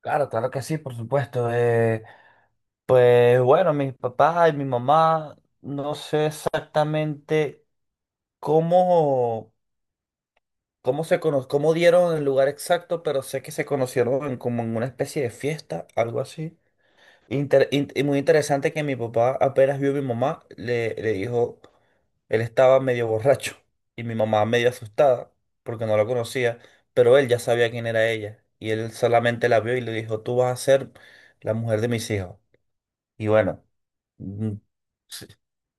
Claro, claro que sí, por supuesto. Pues bueno, mis papás y mi mamá, no sé exactamente cómo, cómo dieron el lugar exacto, pero sé que se conocieron como en una especie de fiesta, algo así. Y muy interesante que mi papá apenas vio a mi mamá, le dijo, él estaba medio borracho y mi mamá medio asustada porque no la conocía, pero él ya sabía quién era ella y él solamente la vio y le dijo: «Tú vas a ser la mujer de mis hijos.» Y bueno, mm, sí,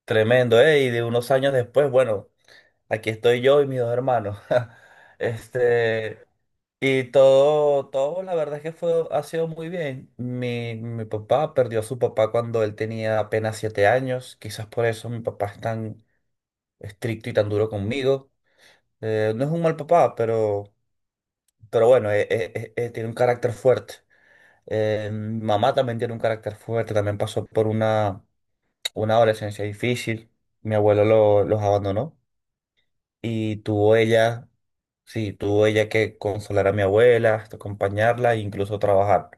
tremendo, ¿eh? Y de unos años después, bueno, aquí estoy yo y mis dos hermanos. Este, y todo, la verdad es que fue, ha sido muy bien. Mi papá perdió a su papá cuando él tenía apenas 7 años. Quizás por eso mi papá es tan estricto y tan duro conmigo. No es un mal papá, pero, bueno, tiene un carácter fuerte. Mi mamá también tiene un carácter fuerte, también pasó por una adolescencia difícil. Mi abuelo los abandonó y tuvo ella, sí, tuvo ella que consolar a mi abuela, hasta acompañarla e incluso trabajar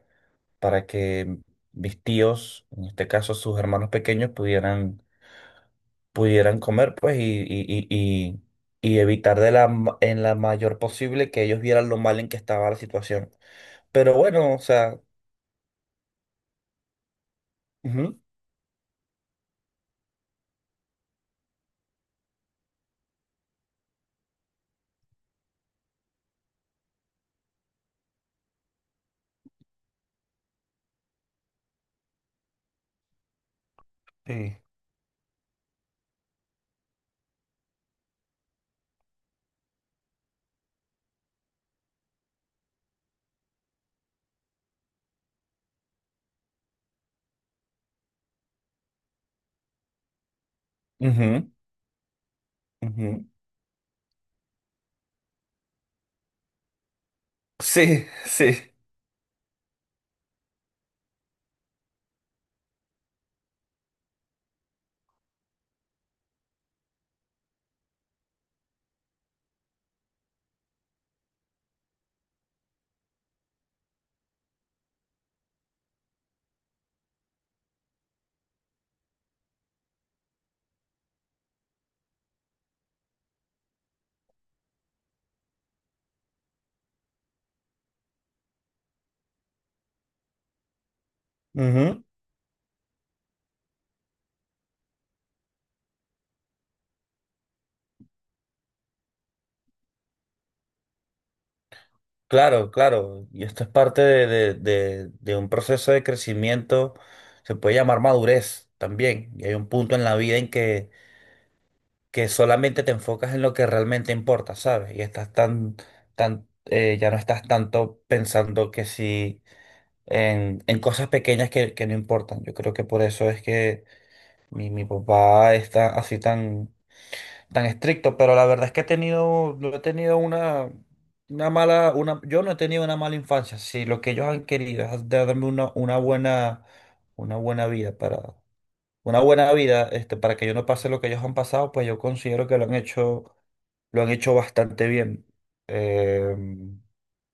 para que mis tíos, en este caso sus hermanos pequeños, pudieran comer, pues, y y evitar en la mayor posible que ellos vieran lo mal en que estaba la situación. Pero bueno, o sea, ujú. Sí. Ujú, ujú. Sí, sí. Ujú. Claro, claro, y esto es parte de un proceso de crecimiento, se puede llamar madurez también, y hay un punto en la vida en que solamente te enfocas en lo que realmente importa, ¿sabes? Y estás ya no estás tanto pensando que si en, en cosas pequeñas que no importan. Yo creo que por eso es que mi papá está así tan estricto, pero la verdad es que no he tenido yo no he tenido una mala infancia. Si lo que ellos han querido es darme una buena vida para, una buena vida, para que yo no pase lo que ellos han pasado, pues yo considero que lo han hecho bastante bien. Eh,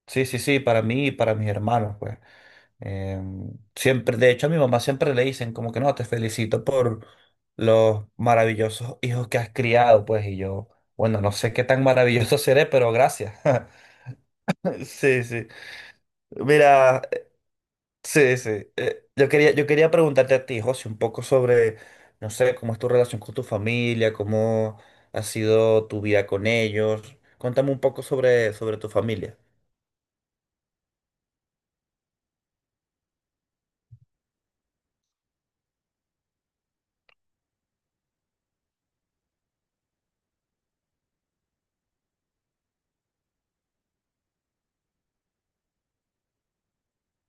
sí, sí, sí, para mí y para mis hermanos, pues. Siempre, de hecho, a mi mamá siempre le dicen como que no, te felicito por los maravillosos hijos que has criado, pues, y yo, bueno, no sé qué tan maravilloso seré, pero gracias. Sí, sí. Mira, sí, sí. Yo quería preguntarte a ti, José, un poco sobre, no sé, cómo es tu relación con tu familia, cómo ha sido tu vida con ellos. Cuéntame un poco sobre tu familia.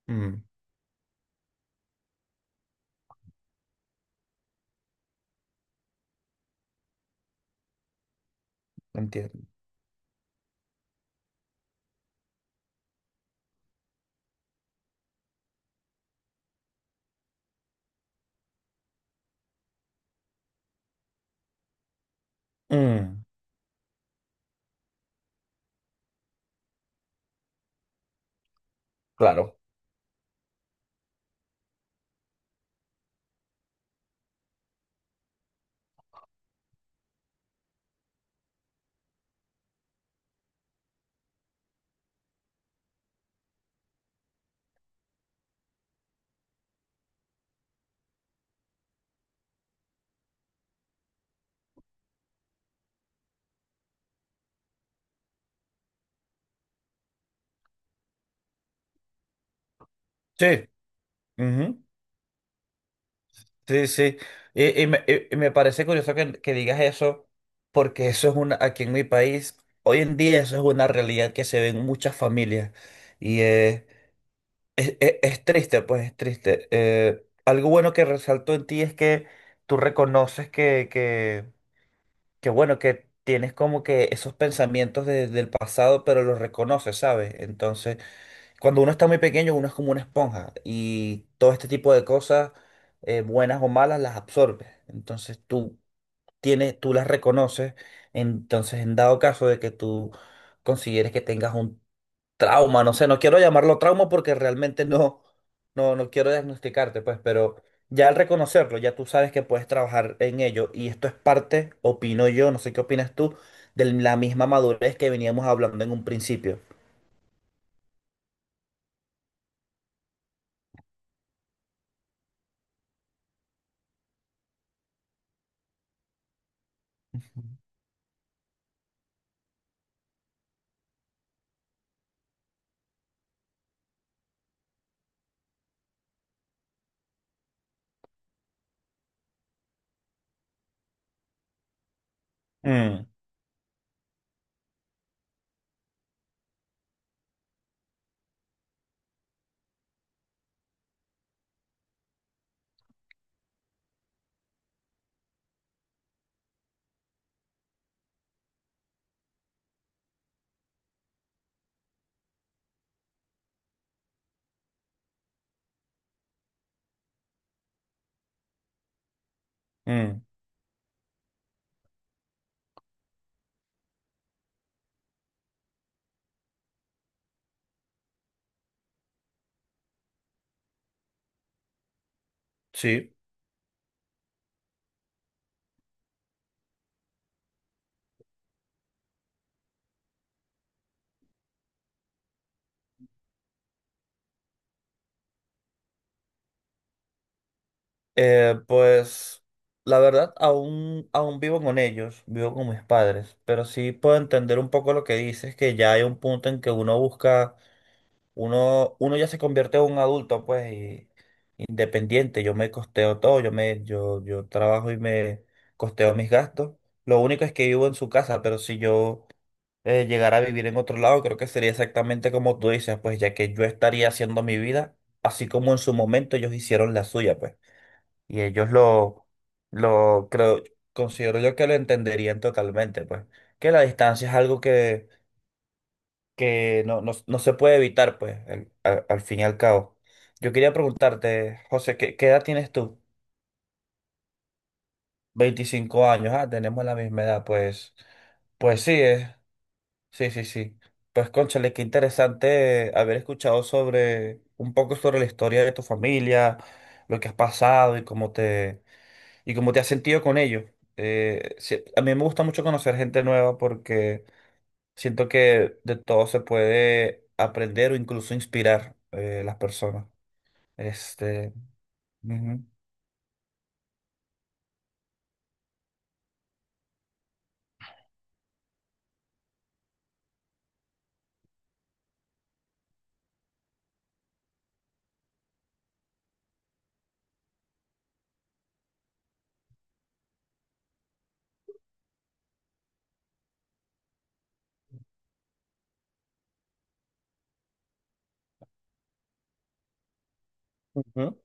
Mm, entiendo. Mm, claro. Sí. Ujú. Sí, sí. Y me parece curioso que digas eso, porque eso es aquí en mi país, hoy en día eso es una realidad que se ve en muchas familias. Y eh, es triste, pues es triste. Algo bueno que resalto en ti es que tú reconoces que bueno, que tienes como que esos pensamientos del pasado, pero los reconoces, ¿sabes? Entonces cuando uno está muy pequeño, uno es como una esponja y todo este tipo de cosas, buenas o malas, las absorbes. Entonces tú las reconoces. Entonces, en dado caso de que tú consideres que tengas un trauma, no sé, no quiero llamarlo trauma porque realmente no quiero diagnosticarte, pues, pero ya al reconocerlo, ya tú sabes que puedes trabajar en ello y esto es parte, opino yo, no sé qué opinas tú, de la misma madurez que veníamos hablando en un principio. Mm, mm, sí. Pues la verdad, aún vivo con ellos, vivo con mis padres, pero sí puedo entender un poco lo que dices, que ya hay un punto en que uno ya se convierte en un adulto, pues, y independiente, yo me costeo todo, yo trabajo y me costeo mis gastos. Lo único es que vivo en su casa, pero si yo llegara a vivir en otro lado, creo que sería exactamente como tú dices, pues, ya que yo estaría haciendo mi vida, así como en su momento ellos hicieron la suya, pues. Y ellos lo creo, considero yo que lo entenderían totalmente, pues. Que la distancia es algo que no se puede evitar, pues, al fin y al cabo. Yo quería preguntarte, José, ¿qué edad tienes tú? 25 años, ah, tenemos la misma edad, pues. Pues sí, sí, sí, sí. Pues, cónchale, qué interesante haber escuchado un poco sobre la historia de tu familia, lo que has pasado. ¿Y cómo te has sentido con ellos? Sí, a mí me gusta mucho conocer gente nueva porque siento que de todo se puede aprender o incluso inspirar las personas. Este, ujú, ujú.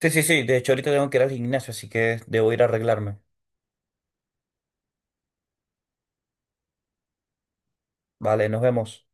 Sí, sí, sí. De hecho, ahorita tengo que ir al gimnasio, así que debo ir a arreglarme. Vale, nos vemos.